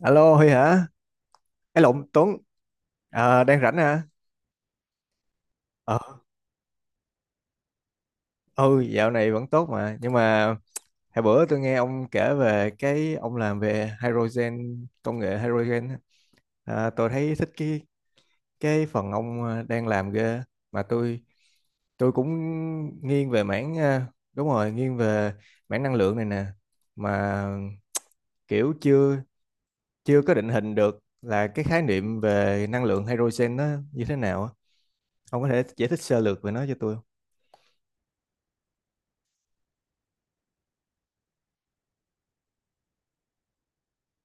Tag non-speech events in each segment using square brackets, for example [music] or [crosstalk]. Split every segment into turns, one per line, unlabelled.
Alo Huy hả? Ấy lộn Tuấn. Ờ, đang rảnh hả? Ờ, ừ, dạo này vẫn tốt mà, nhưng mà hồi bữa tôi nghe ông kể về cái ông làm về hydrogen, công nghệ hydrogen á. À, tôi thấy thích cái phần ông đang làm ghê. Mà tôi cũng nghiêng về mảng đúng rồi, nghiêng về mảng năng lượng này nè. Mà kiểu chưa chưa có định hình được là cái khái niệm về năng lượng hydrogen nó như thế nào á. Ông có thể giải thích sơ lược về nó cho tôi không?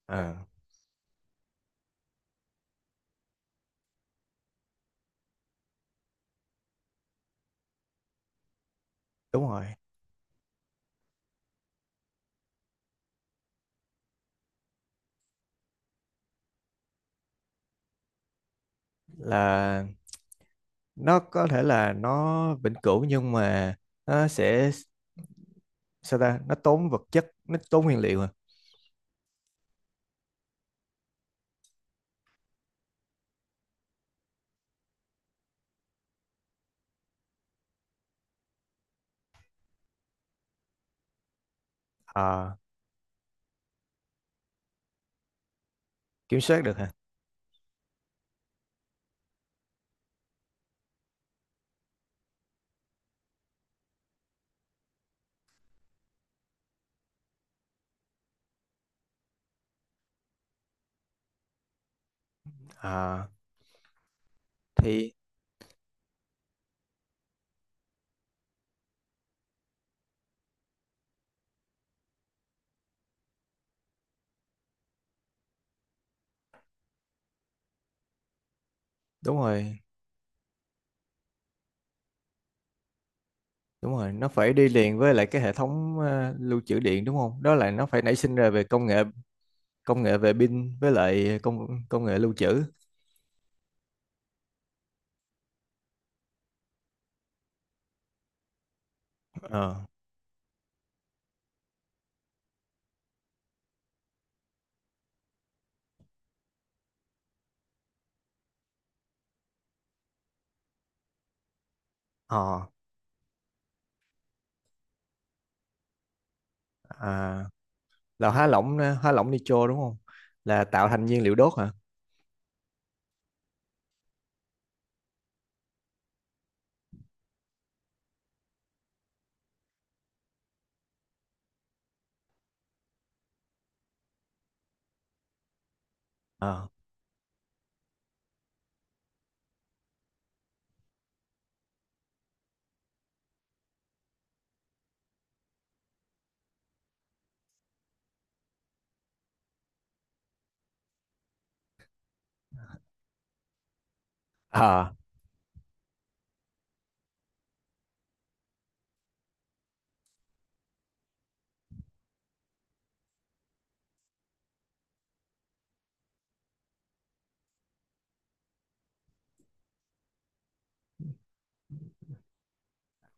Ờ, đúng rồi, là nó có thể là nó vĩnh cửu nhưng mà nó sẽ, sao ta, nó tốn vật chất, nó tốn nguyên liệu à. Ờ, kiểm soát được hả. Ờ, thì đúng rồi, đúng rồi, nó phải đi liền với lại cái hệ thống lưu trữ điện đúng không, đó là nó phải nảy sinh ra về công nghệ, công nghệ về pin với lại công công nghệ lưu trữ. ờ ờ à, là hóa lỏng nitro đúng không, là tạo thành nhiên liệu đốt hả. ờ Ờ.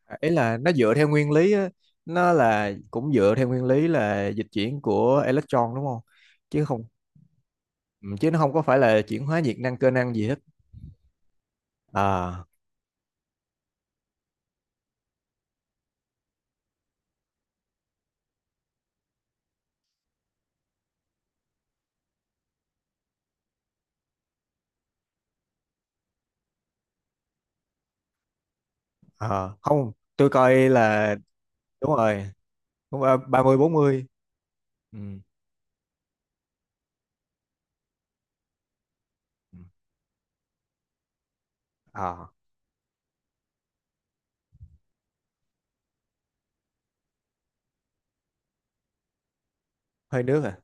À, ý là nó dựa theo nguyên lý á, nó là cũng dựa theo nguyên lý là dịch chuyển của electron đúng không, chứ không ừ, chứ nó không có phải là chuyển hóa nhiệt năng cơ năng gì hết. à, à không, tôi coi là đúng rồi, đúng rồi, 30, 40. Ừ. Ừ. à, hơi nước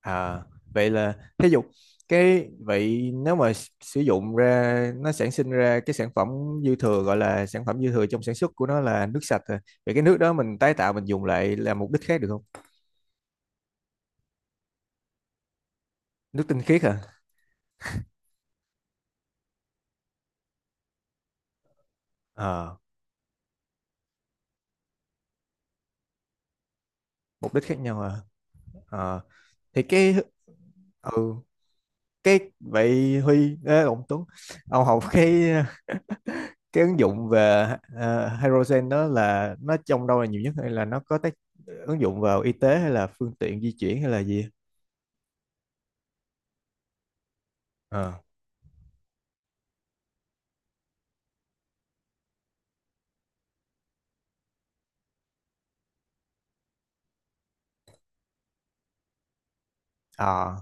à vậy là thí dụ cái, vậy nếu mà sử dụng ra nó sản sinh ra cái sản phẩm dư thừa, gọi là sản phẩm dư thừa trong sản xuất của nó, là nước sạch à. Vậy cái nước đó mình tái tạo mình dùng lại làm mục đích khác được không? Nước tinh khiết à. Ờ, mục đích khác nhau à. Ờ, thì cái ừ cái vậy Huy ê, ông Tuấn, ông học cái ứng dụng về hydrogen đó là nó trong đâu là nhiều nhất, hay là nó có ứng dụng vào y tế hay là phương tiện di chuyển hay là gì. ờ ờ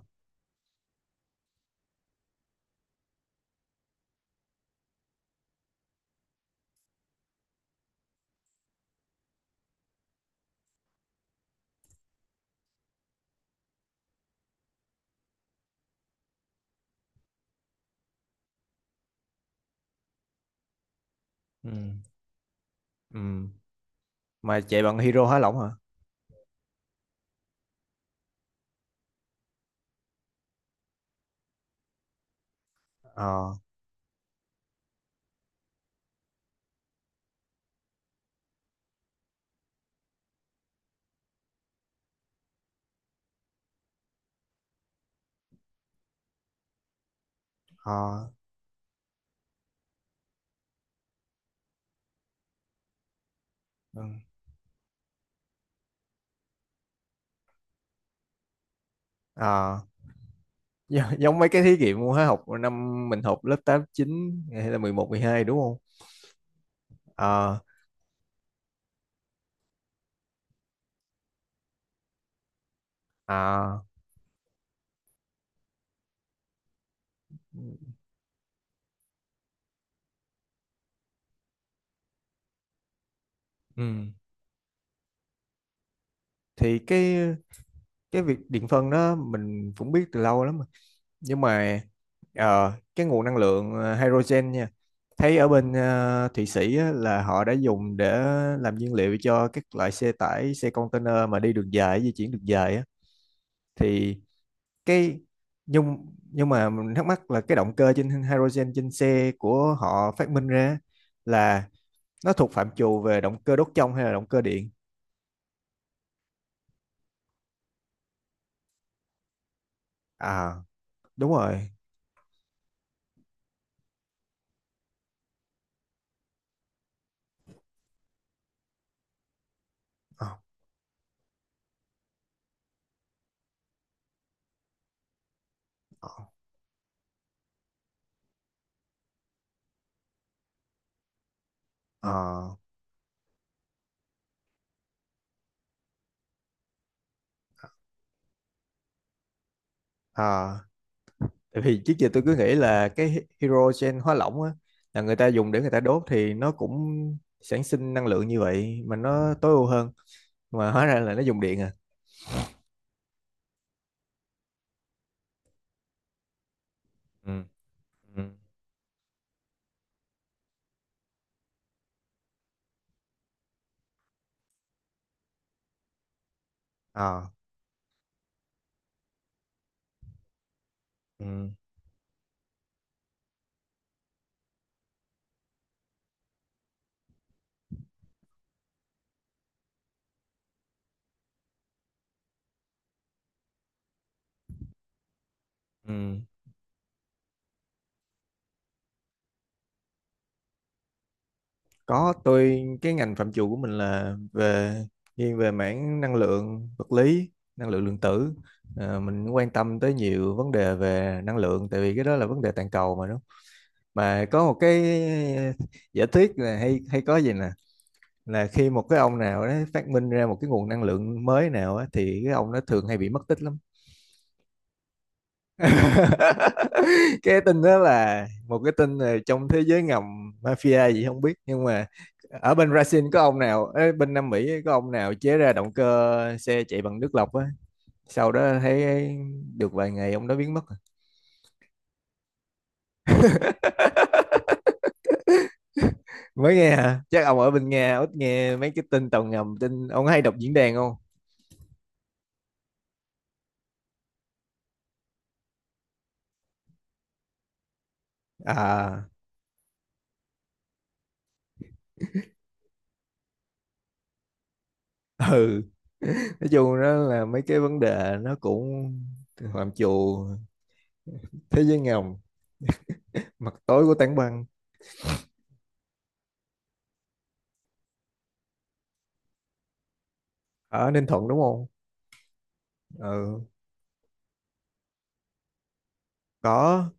ừ. Ừ. Mà chạy bằng hydro hóa lỏng hả. ờ ờ ừ. ờ Gi- giống mấy cái thí nghiệm hóa học năm mình học lớp 8, 9, hay là 11, 12 đúng không. ờ à Ừ. Thì cái việc điện phân đó mình cũng biết từ lâu lắm rồi. Nhưng mà cái nguồn năng lượng hydrogen nha. Thấy ở bên Thụy Sĩ á, là họ đã dùng để làm nhiên liệu cho các loại xe tải, xe container mà đi đường dài, di chuyển đường dài á. Thì cái nhưng nhưng mà mình thắc mắc là cái động cơ trên hydrogen trên xe của họ phát minh ra là nó thuộc phạm trù về động cơ đốt trong hay là động cơ điện? À, đúng rồi. Ờ, ờ. Ờ. À, tại vì trước giờ tôi cứ nghĩ là cái hydrogen hóa lỏng á, là người ta dùng để người ta đốt thì nó cũng sản sinh năng lượng như vậy mà nó tối ưu hơn, mà hóa ra là nó dùng điện à. Ừ. Ừ. Ờ, Ừ. Ừ. Có, tôi cái ngành phạm trù của mình là về nghiêng về mảng năng lượng vật lý, năng lượng lượng tử. Ờ, mình quan tâm tới nhiều vấn đề về năng lượng, tại vì cái đó là vấn đề toàn cầu mà đúng không? Mà có một cái giả thuyết là, hay hay có gì nè, là khi một cái ông nào đó phát minh ra một cái nguồn năng lượng mới nào á, thì cái ông nó thường hay bị mất tích lắm. [laughs] Cái tin đó là một cái tin là trong thế giới ngầm, mafia gì không biết, nhưng mà ở bên Brazil có ông nào, ở bên Nam Mỹ có ông nào chế ra động cơ xe chạy bằng nước lọc á, sau đó thấy được vài ngày ông đó biến mất rồi. Mới nghe hả, chắc ông ở bên Nga ít nghe mấy cái tin tàu ngầm, tin ông hay đọc diễn đàn không. à [laughs] ừ, nói chung đó là mấy cái vấn đề nó cũng phạm trù thế giới ngầm, mặt tối của tảng băng. Ở Ninh Thuận đúng không. Ừ, có.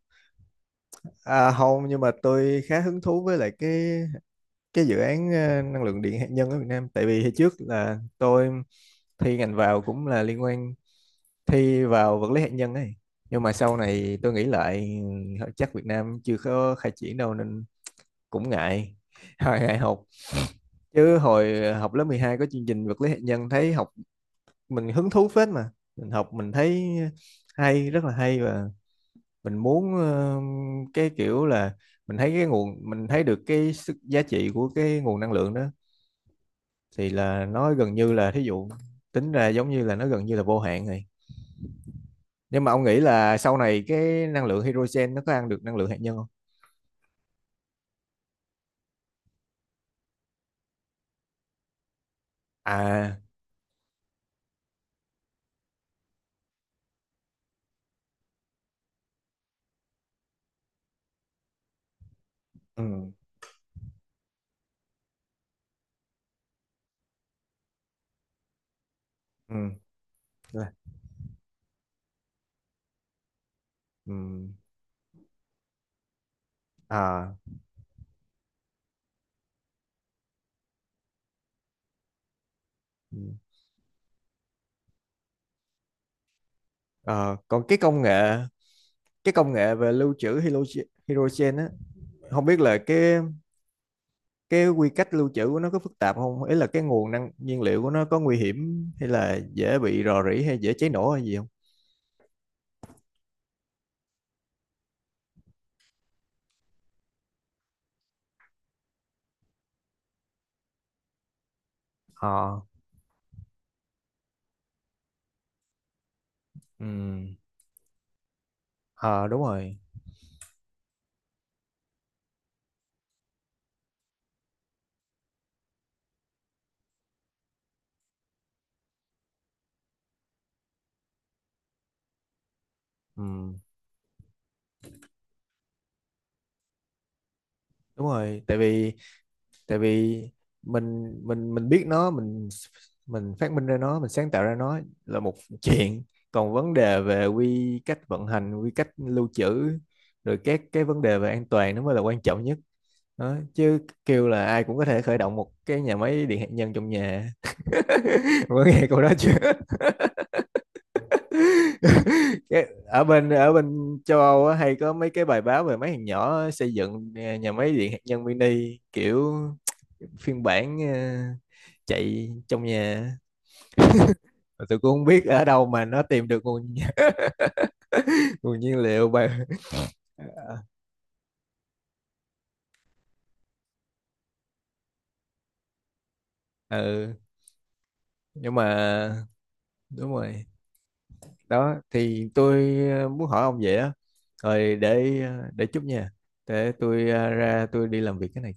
À, không, nhưng mà tôi khá hứng thú với lại cái dự án năng lượng điện hạt nhân ở Việt Nam, tại vì hồi trước là tôi thi ngành vào cũng là liên quan, thi vào vật lý hạt nhân ấy. Nhưng mà sau này tôi nghĩ lại, ừ, chắc Việt Nam chưa có khai triển đâu nên cũng ngại [laughs] ngại học. Chứ hồi học lớp 12 có chương trình vật lý hạt nhân, thấy học mình hứng thú phết mà. Mình học mình thấy hay, rất là hay. Và mình muốn cái kiểu là mình thấy cái nguồn, mình thấy được cái sức giá trị của cái nguồn năng lượng đó, thì là nó gần như là thí dụ tính ra giống như là nó gần như là vô hạn rồi. Nhưng mà ông nghĩ là sau này cái năng lượng hydrogen nó có ăn được năng lượng hạt nhân không? À. Ừ. Ừ. là- ừ. À. Ừ. Ờ, còn cái công nghệ, cái công nghệ về lưu trữ hydrogen hydrogen á, không biết là cái quy cách lưu trữ của nó có phức tạp không, ý là cái nguồn năng nhiên liệu của nó có nguy hiểm hay là dễ bị rò rỉ hay dễ cháy nổ hay gì không. Ờ. Ừ. Ờ, đúng rồi. Ừ, đúng rồi, tại vì, tại vì mình biết nó, mình phát minh ra nó, mình sáng tạo ra nó là một [laughs] chuyện. Còn vấn đề về quy cách vận hành, quy cách lưu trữ, rồi các cái vấn đề về an toàn nó mới là quan trọng nhất đó chứ. Kêu là ai cũng có thể khởi động một cái nhà máy điện hạt nhân trong nhà, [laughs] có nghe câu đó chưa. [laughs] Cái- ở bên, ở bên châu Âu á, hay có mấy cái bài báo về mấy thằng nhỏ xây dựng nhà máy điện hạt nhân mini kiểu phiên bản chạy trong nhà. Mà tôi cũng không biết ở đâu mà nó tìm được nguồn [laughs] nguồn nhiên liệu bài. Ờ, ừ, nhưng mà đúng rồi. Đó thì tôi muốn hỏi ông vậy á, rồi để để chút nha. Để tôi ra tôi đi làm việc cái này.